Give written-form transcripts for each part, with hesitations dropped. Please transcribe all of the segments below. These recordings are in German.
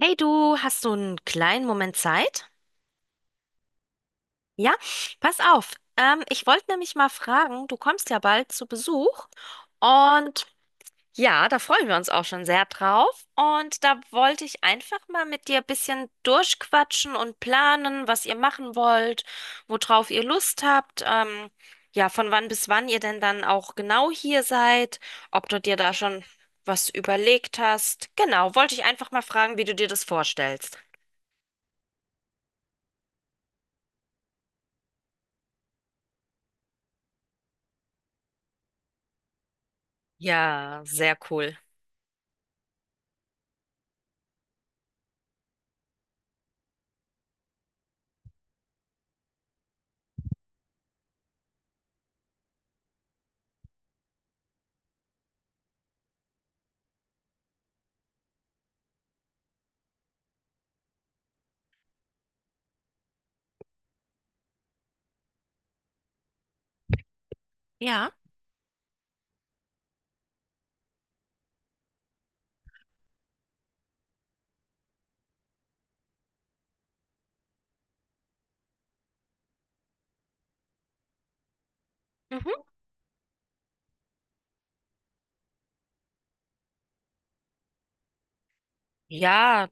Hey du, hast du einen kleinen Moment Zeit? Ja, pass auf. Ich wollte nämlich mal fragen, du kommst ja bald zu Besuch und ja, da freuen wir uns auch schon sehr drauf. Und da wollte ich einfach mal mit dir ein bisschen durchquatschen und planen, was ihr machen wollt, worauf ihr Lust habt. Ja, von wann bis wann ihr denn dann auch genau hier seid, ob du dir da schon was überlegt hast. Genau, wollte ich einfach mal fragen, wie du dir das vorstellst. Ja, sehr cool. Ja. Mhm. Ja,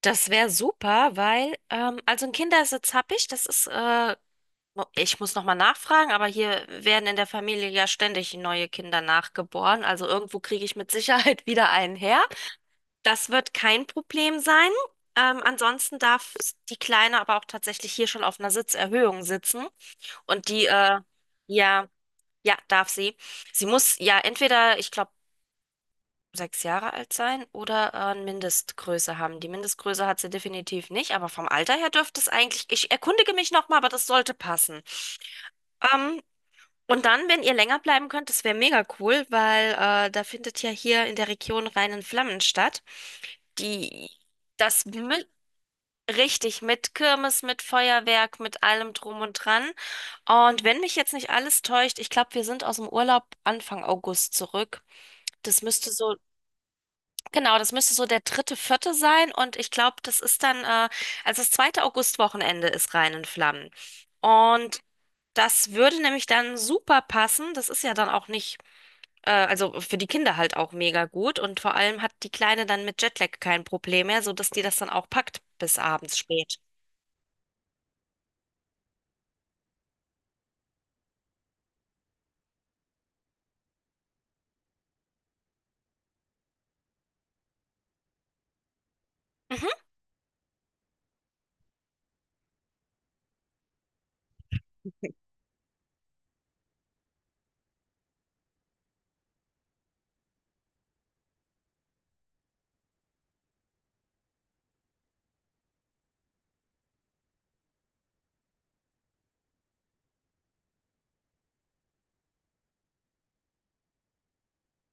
das wäre super, weil, also ein Kindersitz habe ich, das ist, ich muss nochmal nachfragen, aber hier werden in der Familie ja ständig neue Kinder nachgeboren, also irgendwo kriege ich mit Sicherheit wieder einen her. Das wird kein Problem sein. Ansonsten darf die Kleine aber auch tatsächlich hier schon auf einer Sitzerhöhung sitzen und die, ja, ja, darf sie. Sie muss ja entweder, ich glaube, 6 Jahre alt sein oder eine Mindestgröße haben. Die Mindestgröße hat sie definitiv nicht, aber vom Alter her dürfte es eigentlich, ich erkundige mich nochmal, aber das sollte passen. Ähm, und dann, wenn ihr länger bleiben könnt, das wäre mega cool, weil da findet ja hier in der Region Rhein in Flammen statt, die das mit, richtig mit Kirmes, mit Feuerwerk, mit allem drum und dran. Und wenn mich jetzt nicht alles täuscht, ich glaube, wir sind aus dem Urlaub Anfang August zurück. Das müsste so Genau, das müsste so der dritte, vierte sein und ich glaube, das ist dann, also das zweite Augustwochenende ist Rhein in Flammen. Und das würde nämlich dann super passen. Das ist ja dann auch nicht, also für die Kinder halt auch mega gut und vor allem hat die Kleine dann mit Jetlag kein Problem mehr, sodass die das dann auch packt bis abends spät. Mhm.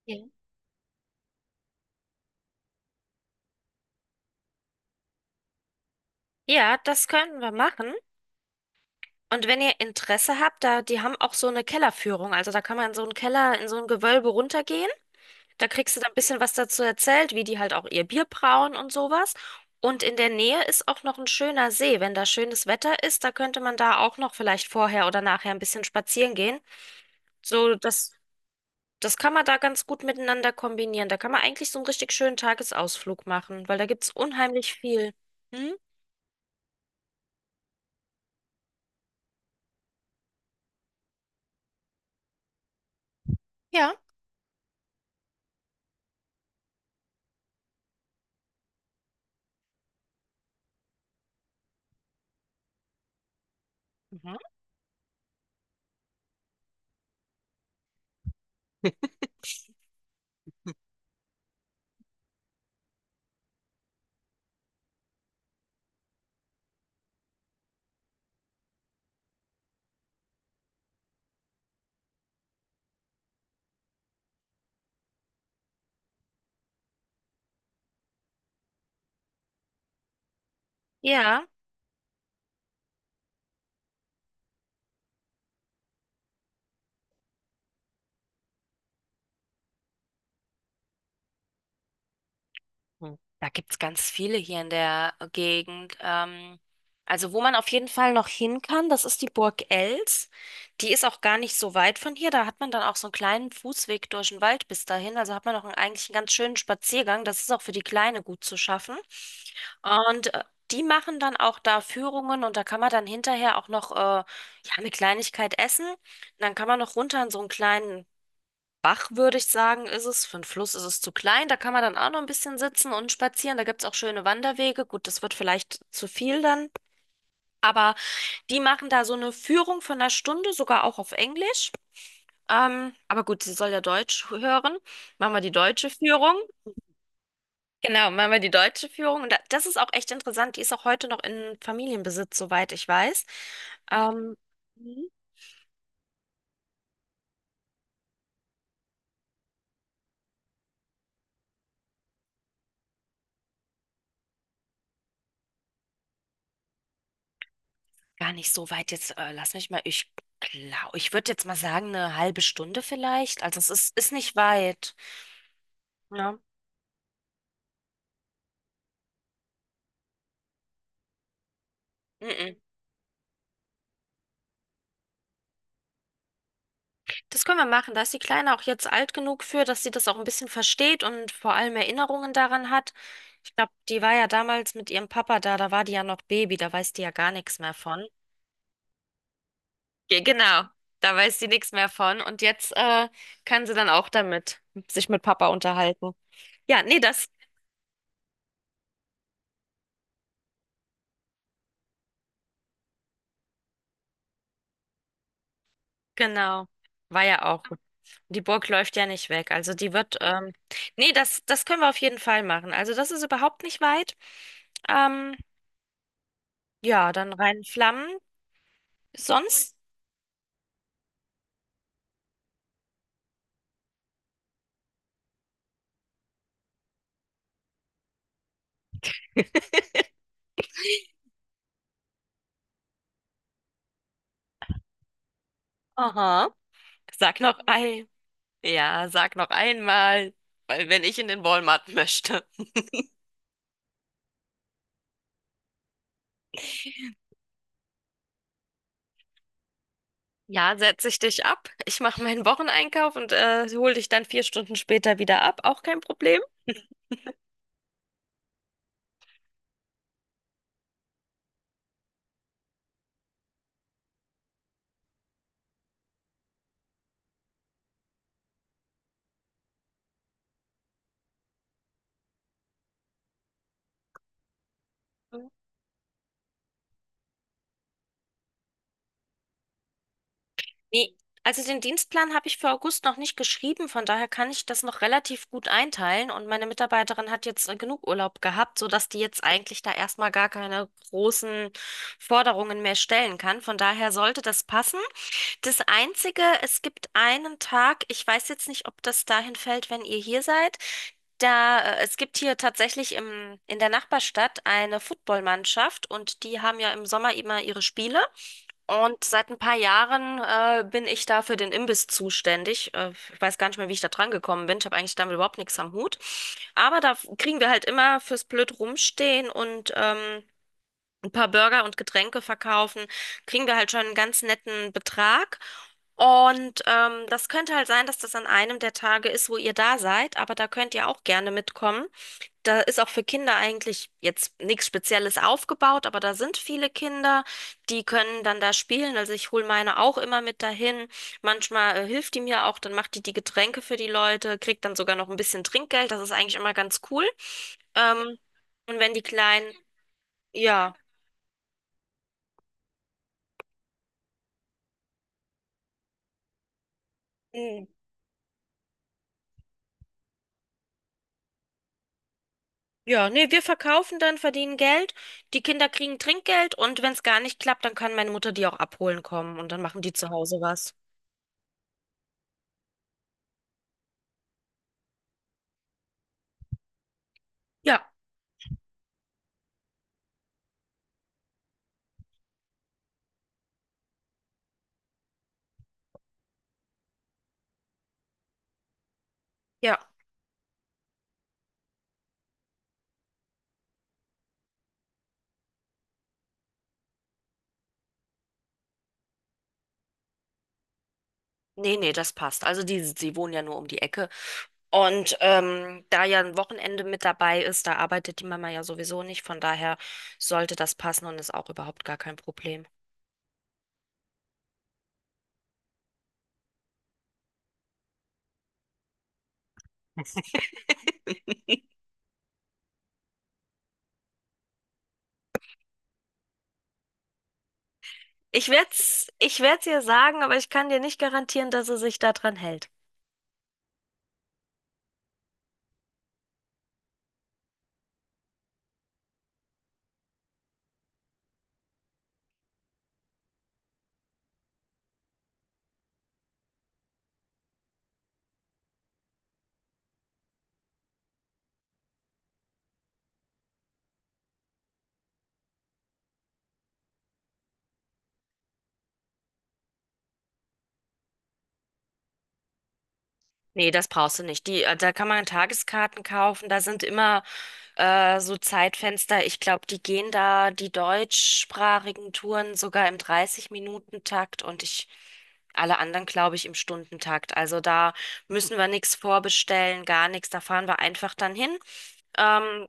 Ja, ja, das könnten wir machen. Und wenn ihr Interesse habt, da, die haben auch so eine Kellerführung. Also da kann man in so einen Keller, in so ein Gewölbe runtergehen. Da kriegst du dann ein bisschen was dazu erzählt, wie die halt auch ihr Bier brauen und sowas. Und in der Nähe ist auch noch ein schöner See. Wenn da schönes Wetter ist, da könnte man da auch noch vielleicht vorher oder nachher ein bisschen spazieren gehen. So, das kann man da ganz gut miteinander kombinieren. Da kann man eigentlich so einen richtig schönen Tagesausflug machen, weil da gibt es unheimlich viel. Hm? Ja. Mhm. Ja. Hm. Da gibt's ganz viele hier in der Gegend. Also wo man auf jeden Fall noch hin kann, das ist die Burg Els. Die ist auch gar nicht so weit von hier. Da hat man dann auch so einen kleinen Fußweg durch den Wald bis dahin. Also hat man auch einen, eigentlich einen ganz schönen Spaziergang. Das ist auch für die Kleine gut zu schaffen. Und die machen dann auch da Führungen und da kann man dann hinterher auch noch ja, eine Kleinigkeit essen. Und dann kann man noch runter in so einen kleinen Bach, würde ich sagen, ist es. Für einen Fluss ist es zu klein. Da kann man dann auch noch ein bisschen sitzen und spazieren. Da gibt es auch schöne Wanderwege. Gut, das wird vielleicht zu viel dann. Aber die machen da so eine Führung von einer Stunde, sogar auch auf Englisch. Aber gut, sie soll ja Deutsch hören. Machen wir die deutsche Führung. Genau, machen wir die deutsche Führung. Und da- das ist auch echt interessant. Die ist auch heute noch in Familienbesitz, soweit ich weiß. Ähm, Gar nicht so weit jetzt. Lass mich mal, ich glaube, ich würde jetzt mal sagen, eine halbe Stunde vielleicht. Also es ist, ist nicht weit. Ja. Mhm. Das können wir machen. Da ist die Kleine auch jetzt alt genug für, dass sie das auch ein bisschen versteht und vor allem Erinnerungen daran hat. Ich glaube, die war ja damals mit ihrem Papa da, da war die ja noch Baby, da weiß die ja gar nichts mehr von. Genau, da weiß sie nichts mehr von. Und jetzt kann sie dann auch damit sich mit Papa unterhalten. Ja, nee, das genau. War ja auch. Die Burg läuft ja nicht weg. Also die wird, nee, das können wir auf jeden Fall machen. Also das ist überhaupt nicht weit. Ähm, ja, dann Rheinflammen. Sonst, aha, sag noch ein, ja, sag noch einmal, weil wenn ich in den Walmart möchte. Ja, setze ich dich ab. Ich mache meinen Wocheneinkauf und hole dich dann 4 Stunden später wieder ab. Auch kein Problem. Nee, also den Dienstplan habe ich für August noch nicht geschrieben, von daher kann ich das noch relativ gut einteilen und meine Mitarbeiterin hat jetzt genug Urlaub gehabt, sodass die jetzt eigentlich da erstmal gar keine großen Forderungen mehr stellen kann. Von daher sollte das passen. Das Einzige, es gibt einen Tag, ich weiß jetzt nicht, ob das dahin fällt, wenn ihr hier seid. Da, es gibt hier tatsächlich im, in der Nachbarstadt eine Footballmannschaft und die haben ja im Sommer immer ihre Spiele. Und seit ein paar Jahren bin ich da für den Imbiss zuständig. Ich weiß gar nicht mehr, wie ich da dran gekommen bin. Ich habe eigentlich damit überhaupt nichts am Hut. Aber da kriegen wir halt immer fürs blöd rumstehen und ein paar Burger und Getränke verkaufen, kriegen wir halt schon einen ganz netten Betrag. Und das könnte halt sein, dass das an einem der Tage ist, wo ihr da seid, aber da könnt ihr auch gerne mitkommen. Da ist auch für Kinder eigentlich jetzt nichts Spezielles aufgebaut, aber da sind viele Kinder, die können dann da spielen. Also ich hole meine auch immer mit dahin. Manchmal hilft die mir auch, dann macht die die Getränke für die Leute, kriegt dann sogar noch ein bisschen Trinkgeld. Das ist eigentlich immer ganz cool. Ähm, und wenn die Kleinen, ja. Ja, nee, wir verkaufen dann, verdienen Geld, die Kinder kriegen Trinkgeld und wenn es gar nicht klappt, dann kann meine Mutter die auch abholen kommen und dann machen die zu Hause was. Ja, ja. Nee, nee, das passt. Also die, sie wohnen ja nur um die Ecke. Und da ja ein Wochenende mit dabei ist, da arbeitet die Mama ja sowieso nicht. Von daher sollte das passen und ist auch überhaupt gar kein Problem. Ich werd's ihr sagen, aber ich kann dir nicht garantieren, dass sie sich daran hält. Nee, das brauchst du nicht. Die, da kann man Tageskarten kaufen. Da sind immer so Zeitfenster. Ich glaube, die gehen da die deutschsprachigen Touren sogar im 30-Minuten-Takt und ich alle anderen, glaube ich, im Stundentakt. Also da müssen wir nichts vorbestellen, gar nichts. Da fahren wir einfach dann hin. Ähm,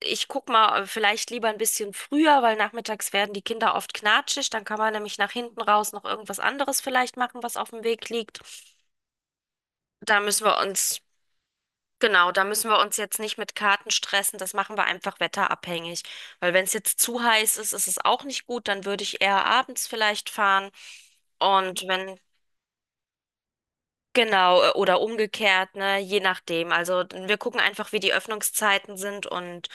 ich guck mal, vielleicht lieber ein bisschen früher, weil nachmittags werden die Kinder oft knatschig. Dann kann man nämlich nach hinten raus noch irgendwas anderes vielleicht machen, was auf dem Weg liegt. Da müssen wir uns Genau, da müssen wir uns jetzt nicht mit Karten stressen, das machen wir einfach wetterabhängig. Weil wenn es jetzt zu heiß ist, ist es auch nicht gut, dann würde ich eher abends vielleicht fahren. Und wenn, genau, oder umgekehrt, ne, je nachdem. Also wir gucken einfach, wie die Öffnungszeiten sind und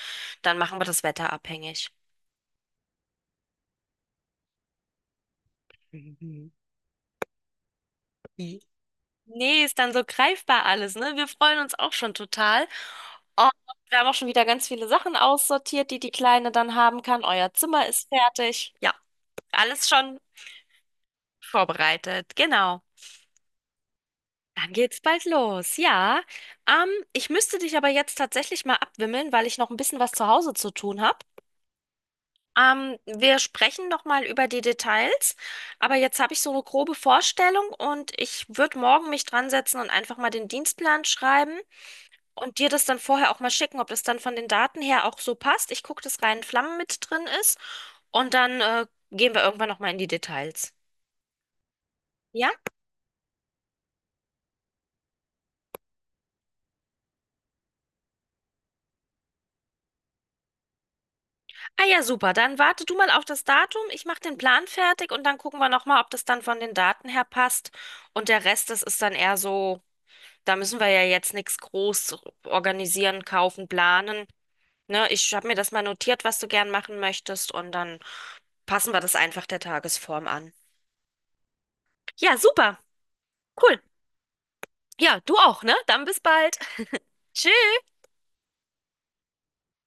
dann machen wir das wetterabhängig. Nee, ist dann so greifbar alles, ne? Wir freuen uns auch schon total. Und wir haben auch schon wieder ganz viele Sachen aussortiert, die die Kleine dann haben kann. Euer Zimmer ist fertig. Ja, alles schon. Vorbereitet, genau. Dann geht's bald los. Ja, ich müsste dich aber jetzt tatsächlich mal abwimmeln, weil ich noch ein bisschen was zu Hause zu tun habe. Wir sprechen noch mal über die Details, aber jetzt habe ich so eine grobe Vorstellung und ich würde morgen mich dran setzen und einfach mal den Dienstplan schreiben und dir das dann vorher auch mal schicken, ob das dann von den Daten her auch so passt. Ich gucke, dass Rhein Flammen mit drin ist und dann gehen wir irgendwann noch mal in die Details. Ja? Ah ja, super. Dann warte du mal auf das Datum. Ich mache den Plan fertig und dann gucken wir nochmal, ob das dann von den Daten her passt. Und der Rest, das ist dann eher so, da müssen wir ja jetzt nichts groß organisieren, kaufen, planen. Ne, ich habe mir das mal notiert, was du gern machen möchtest und dann passen wir das einfach der Tagesform an. Ja, super. Cool. Ja, du auch, ne? Dann bis bald. Tschüss.